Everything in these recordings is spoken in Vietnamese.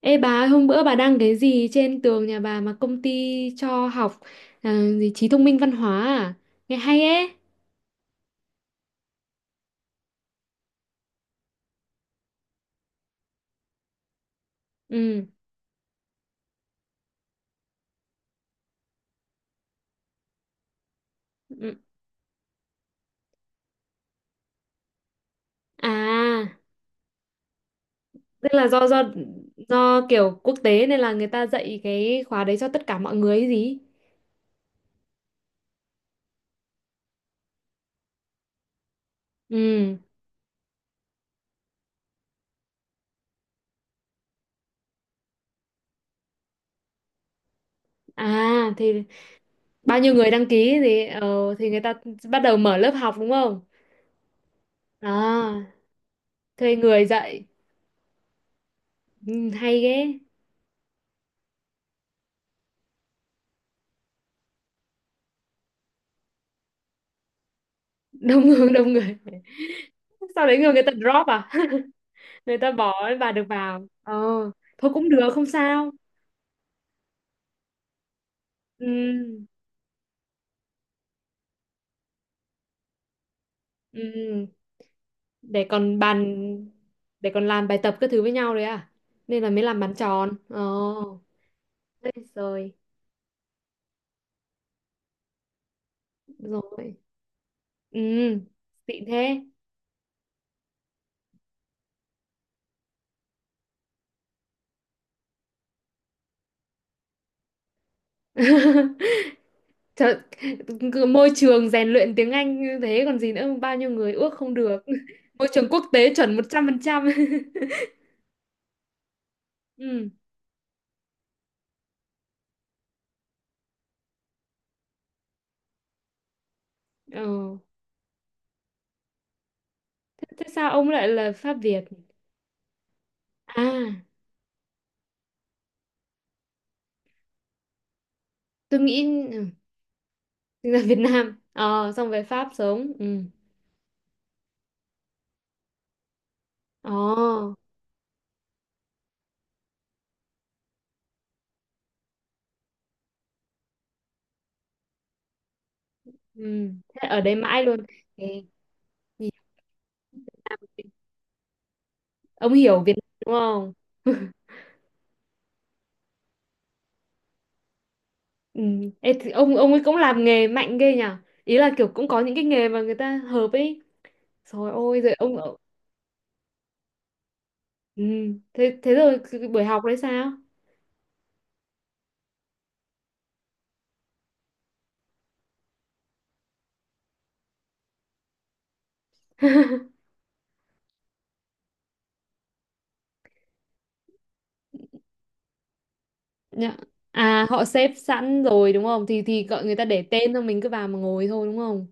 Ê bà ơi, hôm bữa bà đăng cái gì trên tường nhà bà mà công ty cho học à, gì trí thông minh văn hóa à? Nghe hay ấy. Ừ. Ừ. À, tức là do kiểu quốc tế nên là người ta dạy cái khóa đấy cho tất cả mọi người ấy gì? Ừ. À thì bao nhiêu người đăng ký gì thì người ta bắt đầu mở lớp học đúng không? À, thuê người dạy. Ừ, hay ghê. Đông người đông người. Sau đấy người người ta drop à? Người ta bỏ bà được vào ờ, thôi cũng được không sao. Ừ, ừ. Để còn bàn, để còn làm bài tập các thứ với nhau đấy à, nên là mới làm bàn tròn ờ. Ê, rồi, rồi, ừ, xịn thế. Trời, cứ môi trường rèn luyện tiếng Anh như thế còn gì nữa, bao nhiêu người ước không được. Môi trường quốc tế chuẩn 100%. Ừ, ờ. Thế, thế sao ông lại là Pháp Việt? À, tôi nghĩ ừ. Sinh ra Việt Nam, ờ, xong về Pháp sống. Ừ. Ờ. Ừ, thế ở đây mãi luôn. Ê, nhìn Việt Nam- ông hiểu Việt Nam đúng không? Ừ. Ê, thì ông ấy cũng làm nghề mạnh ghê nhở, ý là kiểu cũng có những cái nghề mà người ta hợp ấy. Rồi ôi rồi ông ở- Ừ. Thế thế rồi cái buổi học đấy sao? Dạ. À họ xếp sẵn rồi đúng không, thì gọi người ta để tên xong mình cứ vào mà ngồi thôi đúng không?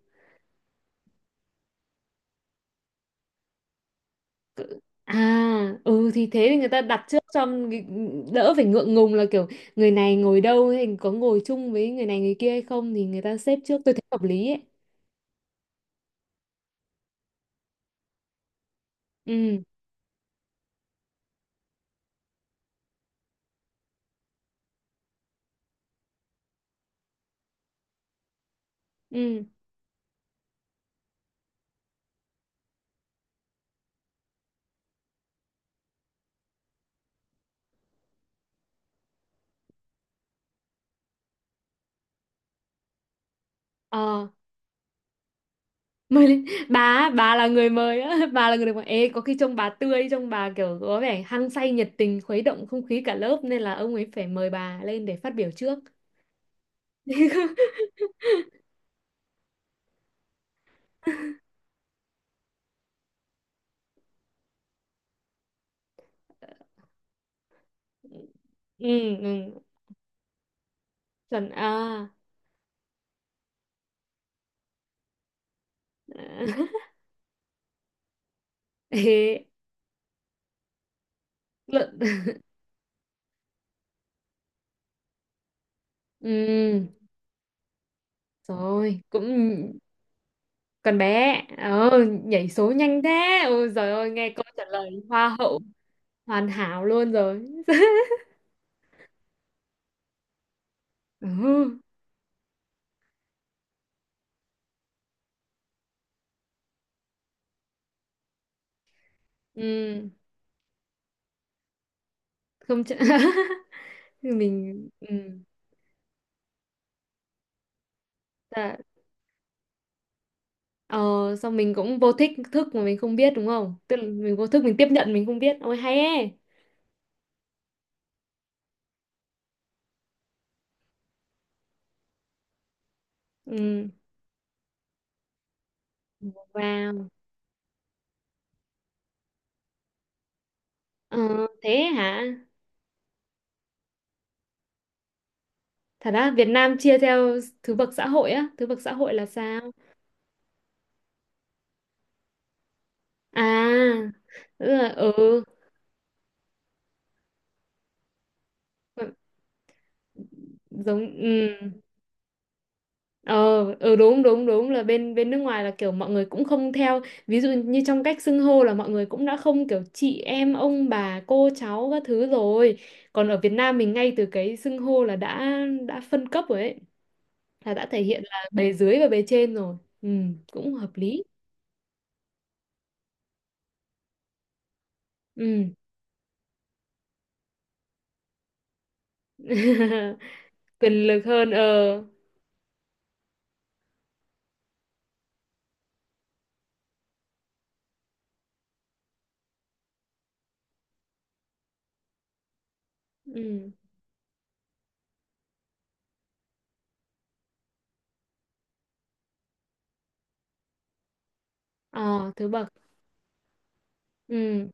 À, ừ thì thế thì người ta đặt trước cho cái- đỡ phải ngượng ngùng là kiểu người này ngồi đâu hay có ngồi chung với người này người kia hay không, thì người ta xếp trước, tôi thấy hợp lý ấy. Ừ, ừ. Ờ, mời lên. Bà, á, bà là người mời á, bà là người được mời. Ê, có khi trông bà tươi, trông bà kiểu có vẻ hăng say nhiệt tình khuấy động không khí cả lớp nên là ông ấy phải mời bà lên để phát biểu trước. Ừ, ừ, chuẩn à. Ê, luận. Ừ, rồi, cũng Con bé, ờ, nhảy số nhanh thế. Ôi giời ơi, nghe câu trả lời hoa hậu hoàn hảo luôn rồi. Ừ, ừ, không chả... mình ừ. Dạ. Ờ, xong mình cũng vô thích thức mà mình không biết đúng không? Tức là mình vô thức mình tiếp nhận mình không biết. Ôi hay ấy. Ừ. Wow. Ờ, thế hả? Thật á, Việt Nam chia theo thứ bậc xã hội á, thứ bậc xã hội là sao? À, tức là ừ. Ừ, giống ừ. Ờ, ừ, đúng đúng đúng là bên bên nước ngoài là kiểu mọi người cũng không theo, ví dụ như trong cách xưng hô là mọi người cũng đã không kiểu chị em ông bà cô cháu các thứ rồi, còn ở Việt Nam mình ngay từ cái xưng hô là đã phân cấp rồi ấy, là đã thể hiện là bề dưới và bề trên rồi. Ừ, cũng hợp lý. Ừ. Quyền lực hơn ờ. Ừ. Ờ thứ bậc ừ.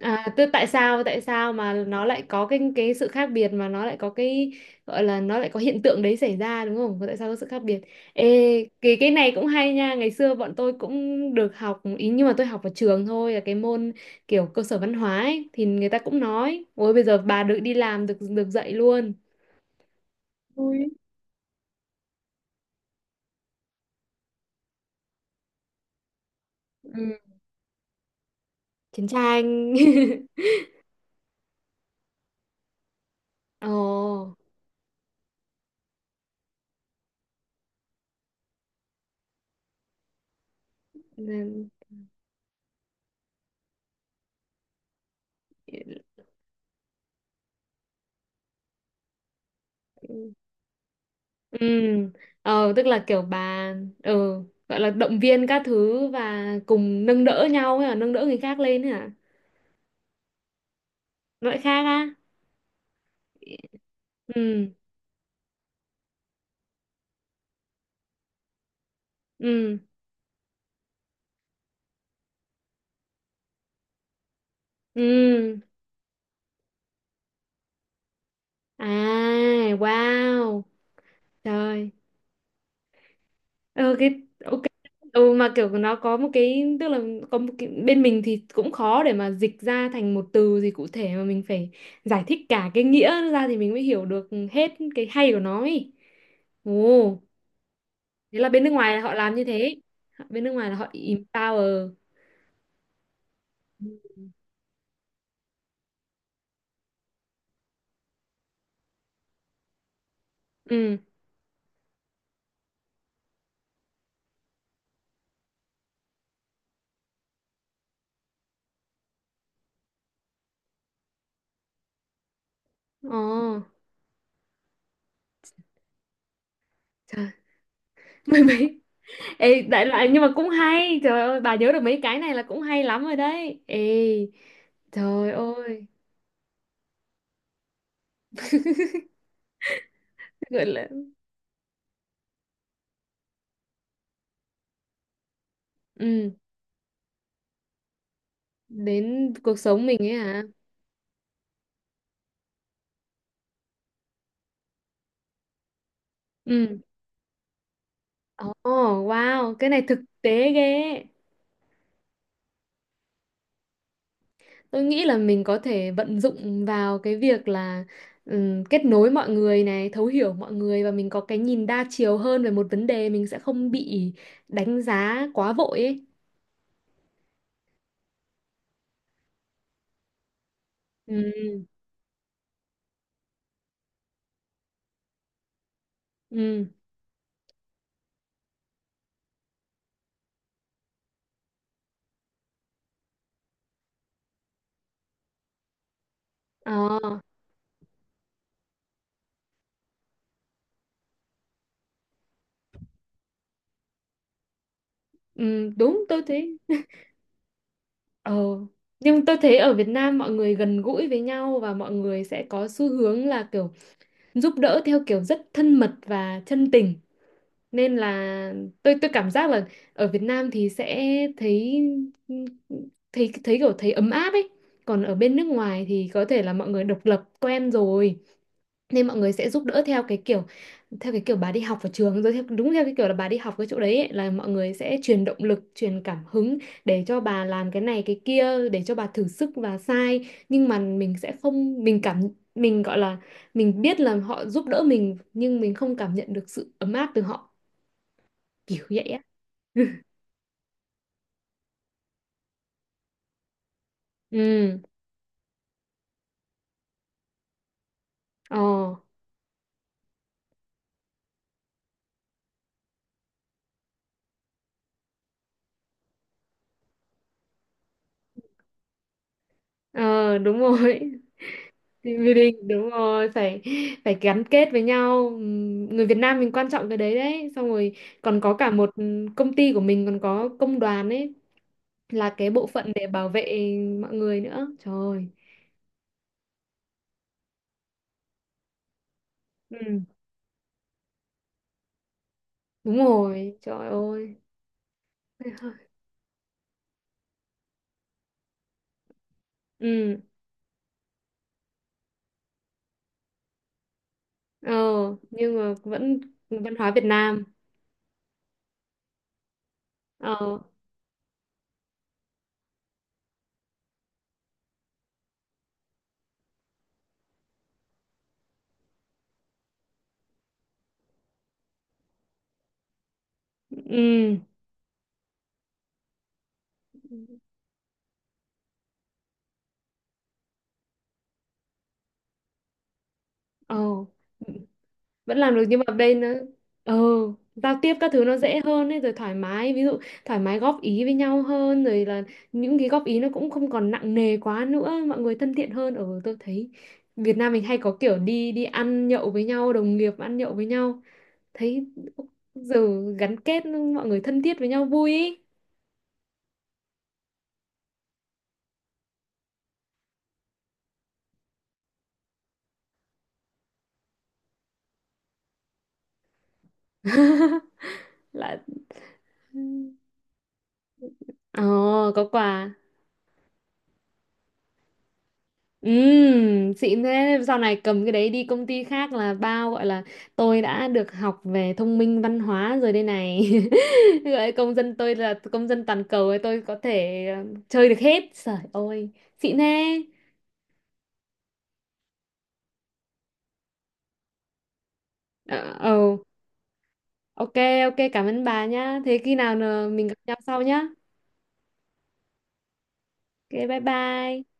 À, tức tại sao mà nó lại có cái sự khác biệt mà nó lại có cái gọi là nó lại có hiện tượng đấy xảy ra đúng không? Tại sao có sự khác biệt? Ê, cái này cũng hay nha. Ngày xưa bọn tôi cũng được học ý, nhưng mà tôi học ở trường thôi, là cái môn kiểu cơ sở văn hóa ấy, thì người ta cũng nói, ôi bây giờ bà được đi làm được được dạy luôn. Ui. Ừ, chiến tranh. Ồ. Ừ, ờ, tức là kiểu bà ừ, gọi là động viên các thứ và cùng nâng đỡ nhau hay là nâng đỡ người khác lên ấy hả? Nó lại khác á. Ừ, ừ, ừ. À, wow. Trời. Ừ, cái ok. Ừ, mà kiểu nó có một cái tức là có một cái, bên mình thì cũng khó để mà dịch ra thành một từ gì cụ thể mà mình phải giải thích cả cái nghĩa ra thì mình mới hiểu được hết cái hay của nó ấy. Ồ. Thế là bên nước ngoài là họ làm như thế, bên nước ngoài là họ empower. Ừ. Ồ. Trời. Mười mấy. Ê, đại loại nhưng mà cũng hay, trời ơi bà nhớ được mấy cái này là cũng hay lắm rồi đấy. Ê, trời ơi, gọi là ừ đến cuộc sống mình ấy hả. Ừ. Ồ. Wow, cái này thực tế ghê. Tôi nghĩ là mình có thể vận dụng vào cái việc là kết nối mọi người này, thấu hiểu mọi người và mình có cái nhìn đa chiều hơn về một vấn đề, mình sẽ không bị đánh giá quá vội ấy. Ừ, ừ, ờ, ừ, đúng tôi thấy. Ờ, nhưng tôi thấy ở Việt Nam mọi người gần gũi với nhau và mọi người sẽ có xu hướng là kiểu giúp đỡ theo kiểu rất thân mật và chân tình. Nên là tôi cảm giác là ở Việt Nam thì sẽ thấy thấy thấy kiểu thấy ấm áp ấy, còn ở bên nước ngoài thì có thể là mọi người độc lập quen rồi, nên mọi người sẽ giúp đỡ theo cái kiểu, theo cái kiểu bà đi học ở trường rồi theo, đúng theo cái kiểu là bà đi học cái chỗ đấy ấy, là mọi người sẽ truyền động lực truyền cảm hứng để cho bà làm cái này cái kia để cho bà thử sức và sai, nhưng mà mình sẽ không mình cảm mình gọi là mình biết là họ giúp đỡ mình nhưng mình không cảm nhận được sự ấm áp từ họ, kiểu vậy á. Ừ. Ờ. Ờ, đúng rồi. Team building đúng rồi, phải phải gắn kết với nhau. Người Việt Nam mình quan trọng cái đấy đấy, xong rồi còn có cả một công ty của mình còn có công đoàn ấy, là cái bộ phận để bảo vệ mọi người nữa, trời ơi. Ừ, đúng rồi, trời ơi. Ừ. Ờ, nhưng mà vẫn văn hóa Việt Nam. Ờ. Ừ. Ờ, vẫn làm được nhưng mà đây nó ờ, giao tiếp các thứ nó dễ hơn ấy rồi thoải mái, ví dụ thoải mái góp ý với nhau hơn rồi là những cái góp ý nó cũng không còn nặng nề quá nữa, mọi người thân thiện hơn ở tôi thấy Việt Nam mình hay có kiểu đi đi ăn nhậu với nhau, đồng nghiệp ăn nhậu với nhau thấy giờ gắn kết mọi người thân thiết với nhau vui ý. Là ờ có quà. Xịn thế, sau này cầm cái đấy đi công ty khác là bao gọi là tôi đã được học về thông minh văn hóa rồi đây này. Gọi công dân tôi là công dân toàn cầu ấy, tôi có thể chơi được hết, trời ơi. Xịn thế. Ờ. Ồ. Ok. Ok cảm ơn bà nhá, thế khi nào mình gặp nhau sau nhá. Ok, bye bye.